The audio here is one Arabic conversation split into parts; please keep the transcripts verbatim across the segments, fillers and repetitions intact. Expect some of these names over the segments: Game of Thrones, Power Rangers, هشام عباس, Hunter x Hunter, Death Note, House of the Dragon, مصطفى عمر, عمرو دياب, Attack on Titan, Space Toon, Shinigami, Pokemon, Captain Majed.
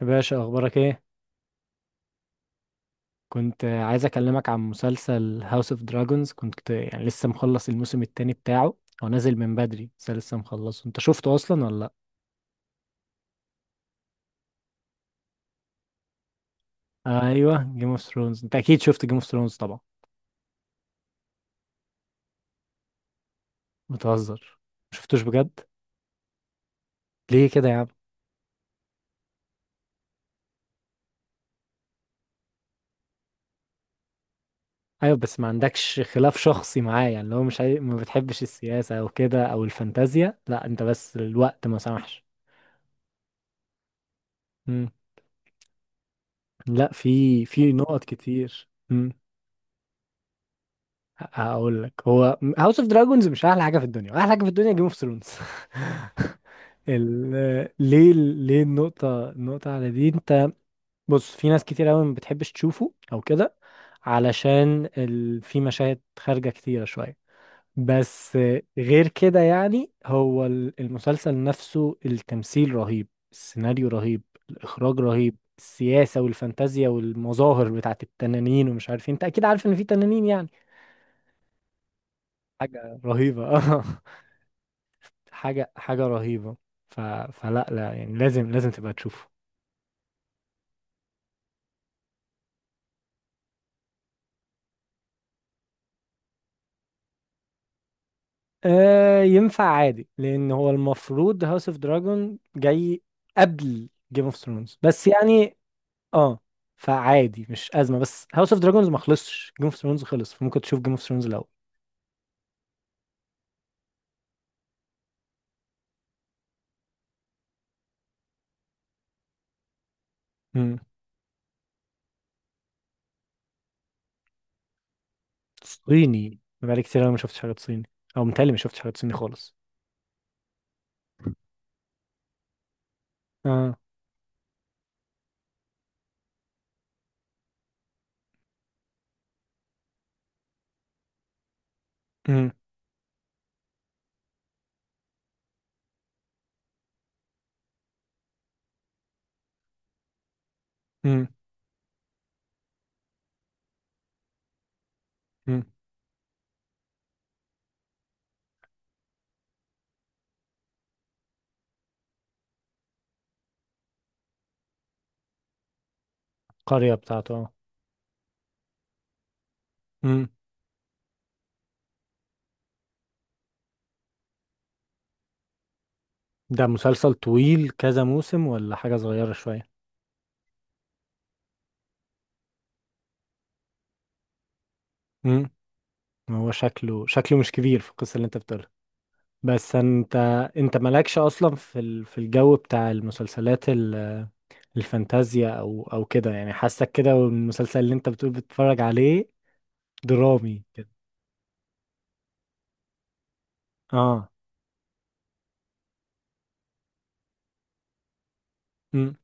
يا باشا، اخبارك ايه؟ كنت عايز اكلمك عن مسلسل هاوس اوف دراجونز. كنت يعني لسه مخلص الموسم التاني بتاعه. هو نازل من بدري بس أنا لسه مخلصه. انت شفته اصلا ولا لا؟ ايوه، جيم اوف ثرونز. انت اكيد شفت جيم اوف ثرونز طبعا. بتهزر؟ مشفتوش بجد؟ ليه كده يا عم؟ ايوه، بس ما عندكش خلاف شخصي معاه يعني. لو مش عاي... ما بتحبش السياسه او كده او الفانتازيا؟ لا، انت بس الوقت ما سمحش. مم. لا، في في نقط كتير. مم. هقول لك، هو هاوس اوف دراجونز مش احلى حاجه في الدنيا، احلى حاجه في الدنيا جيم اوف ثرونز. ال... ليه ليه النقطه النقطه على دي انت؟ بص، في ناس كتير قوي ما بتحبش تشوفه او كده، علشان ال... في مشاهد خارجه كتيره شويه. بس غير كده يعني هو ال- المسلسل نفسه، التمثيل رهيب، السيناريو رهيب، الاخراج رهيب، السياسه والفانتازيا والمظاهر بتاعت التنانين ومش عارف إيه. انت اكيد عارف ان في تنانين يعني. حاجه رهيبه. حاجة حاجة رهيبة. ف... فلا لا، يعني لازم لازم تبقى تشوفه. آه، ينفع عادي، لأن هو المفروض هاوس اوف دراجون جاي قبل جيم اوف ثرونز بس يعني. اه، فعادي مش أزمة، بس هاوس اوف دراجونز ما خلصش، جيم اوف ثرونز خلص، فممكن تشوف جيم اوف ثرونز الأول. مم. صيني؟ بقالي كتير أوي ما شفتش حاجات صيني. أو متهيألي ما شفتش حاجات صيني خالص. اه. مم. مم. مم. القرية بتاعته، اه. مم. ده مسلسل طويل كذا موسم، ولا حاجة صغيرة شوية؟ مم. ما هو شكله شكله مش كبير في القصة اللي انت بتقولها. بس انت انت مالكش اصلا في ال- في الجو بتاع المسلسلات ال- الفانتازيا او او كده يعني. حاسك كده، والمسلسل اللي انت بتقول بتتفرج عليه درامي كده. اه. مم.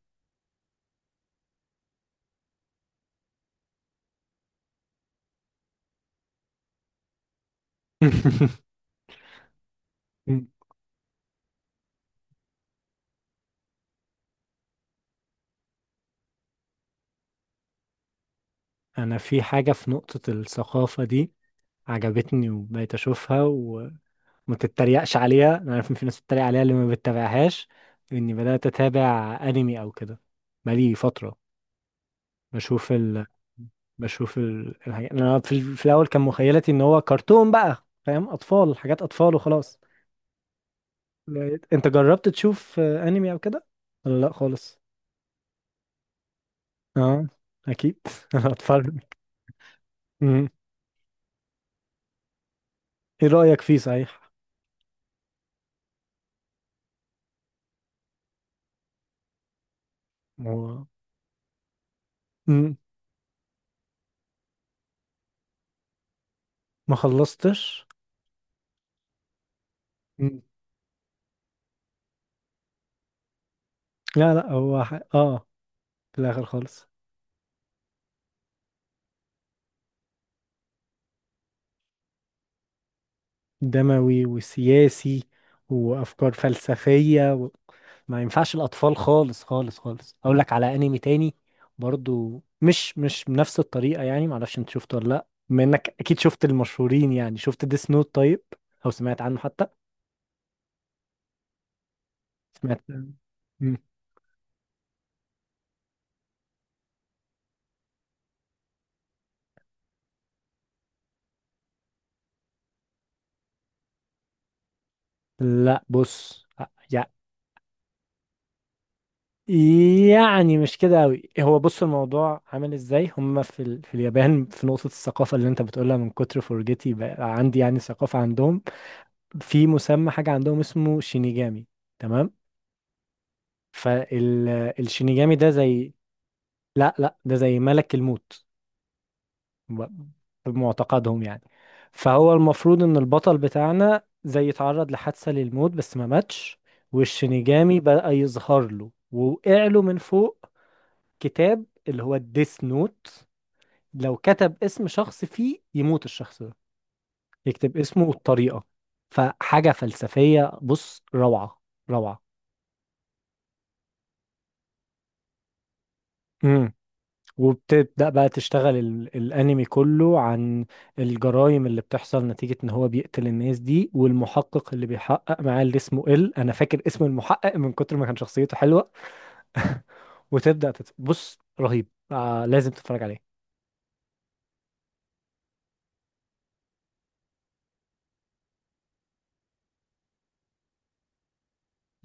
مم. انا في حاجة، في نقطة الثقافة دي عجبتني وبقيت اشوفها، وما تتريقش عليها. انا عارف ان في ناس بتتريق عليها اللي ما بتتابعهاش، اني بدأت اتابع انمي او كده بقالي فترة. بشوف ال... بشوف ال... الحاجات. انا في، ال... في الاول كان مخيلتي ان هو كرتون بقى، فاهم؟ اطفال، حاجات اطفال وخلاص. لقيت- انت جربت تشوف آه، انمي او كده ولا لا خالص؟ اه، اكيد. انا اتفرج. مم. ايه رايك فيه صحيح؟ هو. مم. ما خلصتش. مم. لا لا، هو ح... اه، في الاخر خالص. دموي وسياسي وافكار فلسفيه. ما ينفعش الاطفال خالص خالص خالص. اقول لك على انمي تاني، برضو مش مش بنفس الطريقه. يعني معرفش انت شفته ولا لا، بما انك اكيد شفت المشهورين، يعني شفت ديس نوت؟ طيب، او سمعت عنه حتى. سمعت. مم. لا بص، يع- يعني مش كده قوي. هو بص، الموضوع عامل ازاي؟ هم في ال... في اليابان، في نقطة الثقافة اللي انت بتقولها، من كتر فرجتي بقى عندي يعني ثقافة عندهم. في مسمى حاجة عندهم اسمه شينيجامي، تمام؟ فالشينيجامي ده زي، لا لا، ده زي ملك الموت ب- بمعتقدهم يعني. فهو المفروض ان البطل بتاعنا زي اتعرض لحادثة للموت بس ما ماتش، والشينيجامي بدأ يظهر له ووقع له من فوق كتاب، اللي هو الديس نوت. لو كتب اسم شخص فيه يموت الشخص ده، يكتب اسمه والطريقة. فحاجة فلسفية، بص، روعة، روعة. وبتبدأ بقى تشتغل ال- الأنمي كله عن الجرائم اللي بتحصل نتيجة إن هو بيقتل الناس دي، والمحقق اللي بيحقق معاه اللي اسمه إل. أنا فاكر اسم المحقق من كتر ما كان شخصيته حلوة. وتبدأ تت... بص رهيب، آه، لازم تتفرج عليه.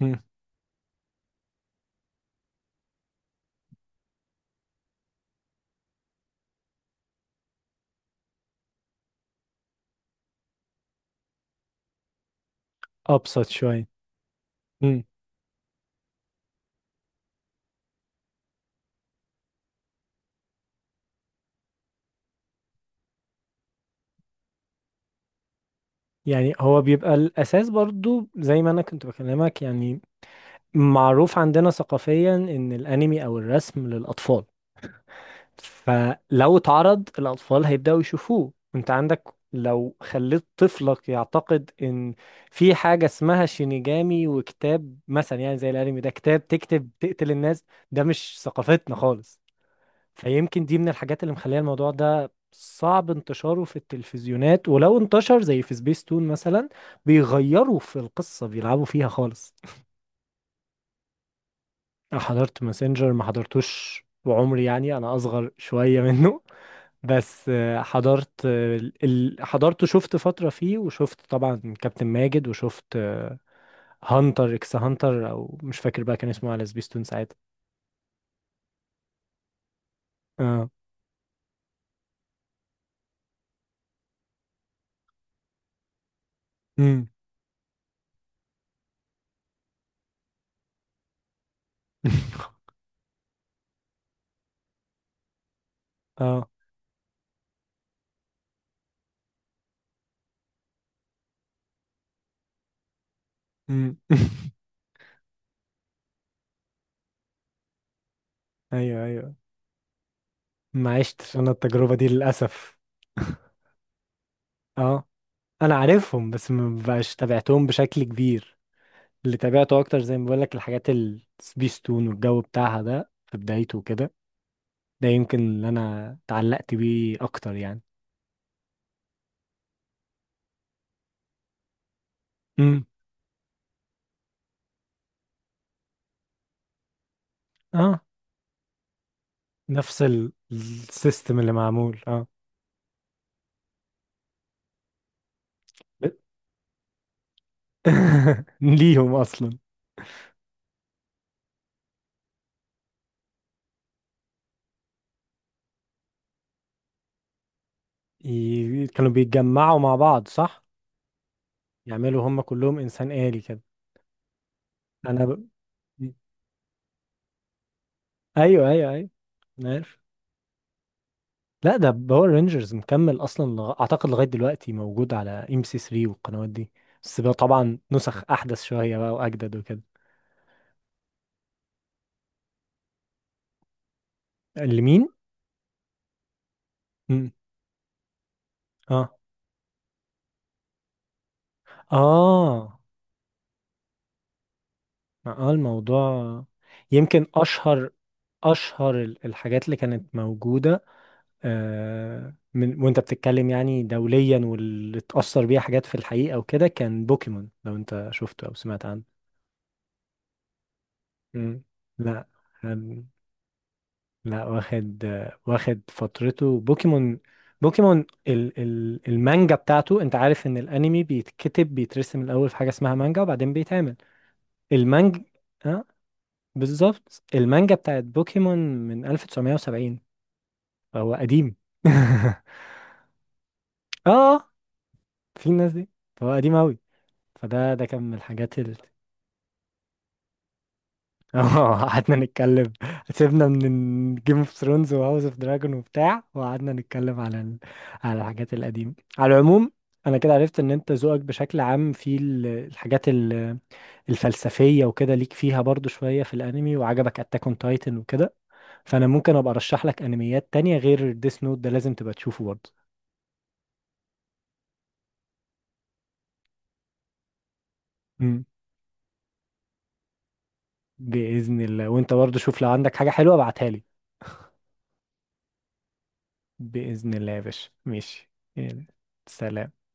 مم. أبسط شوية. مم. يعني هو بيبقى الأساس، برضو زي ما أنا كنت بكلمك. يعني معروف عندنا ثقافيا إن الأنمي أو الرسم للأطفال، فلو اتعرض الأطفال هيبدأوا يشوفوه. انت عندك، لو خليت طفلك يعتقد ان في حاجة اسمها شينيجامي وكتاب مثلا، يعني زي الانمي ده، كتاب تكتب تقتل الناس، ده مش ثقافتنا خالص. فيمكن دي من الحاجات اللي مخليه الموضوع ده صعب انتشاره في التلفزيونات. ولو انتشر زي في سبيس تون مثلا، بيغيروا في القصة، بيلعبوا فيها خالص. انا حضرت ماسنجر، ما حضرتوش وعمري، يعني انا اصغر شوية منه. بس آه، حضرت آه، ال... حضرت، شفت فترة فيه، وشفت طبعا كابتن ماجد، وشفت آه، هانتر اكس هانتر، او مش فاكر بقى كان اسمه على سبيستون ساعتها. اه. امم اه. امم ايوه ايوه. ما عشتش انا التجربة دي للأسف. اه، انا عارفهم بس ما بقاش تابعتهم بشكل كبير. اللي تابعته اكتر زي ما بقول لك، الحاجات السبيستون والجو بتاعها ده في بدايته كده. ده يمكن اللي انا اتعلقت بيه اكتر يعني. اه، نفس ال- السيستم اللي معمول، اه. ب- ليهم اصلا؟ ي- كانوا بيتجمعوا مع بعض، صح؟ يعملوا هم كلهم انسان آلي كده. انا ب... ايوه ايوه ايوه. أنا عارف. لا، ده باور رينجرز مكمل اصلا، لغ... اعتقد لغايه دلوقتي موجود على ام سي ثلاثة والقنوات دي. بس بقى طبعا نسخ احدث شويه بقى واجدد وكده. لمين؟ مم. اه اه اه، الموضوع يمكن اشهر، اشهر ال- الحاجات اللي كانت موجوده آه، من وانت بتتكلم يعني دوليا، واللي اتاثر بيها حاجات في الحقيقه وكده كان بوكيمون. لو انت شفته او سمعت عنه. مم. لا كان- لا، واخد آه، واخد فترته بوكيمون. بوكيمون ال ال المانجا بتاعته. انت عارف ان الانمي بيتكتب بيترسم الاول في حاجه اسمها مانجا، وبعدين بيتعمل المانجا. بالظبط، المانجا بتاعت بوكيمون من ألف وتسعمية وسبعين. فهو قديم. اه، في الناس دي. فهو قديم أوي. فده ده كان من الحاجات ال. اه، قعدنا نتكلم. سيبنا من جيم اوف ثرونز وهاوس اوف دراجون وبتاع، وقعدنا نتكلم على ال... على الحاجات القديمة على العموم. انا كده عرفت ان انت ذوقك بشكل عام في ال- الحاجات ال- الفلسفية وكده، ليك فيها برضو شوية، في الانمي وعجبك اتاك اون تايتن وكده. فانا ممكن ابقى ارشح لك انميات تانية غير ديس نوت، ده لازم تبقى تشوفه برضه. مم. باذن الله. وانت برضه شوف، لو عندك حاجة حلوة ابعتها لي. باذن الله يا باشا، ماشي. يلا. سلام.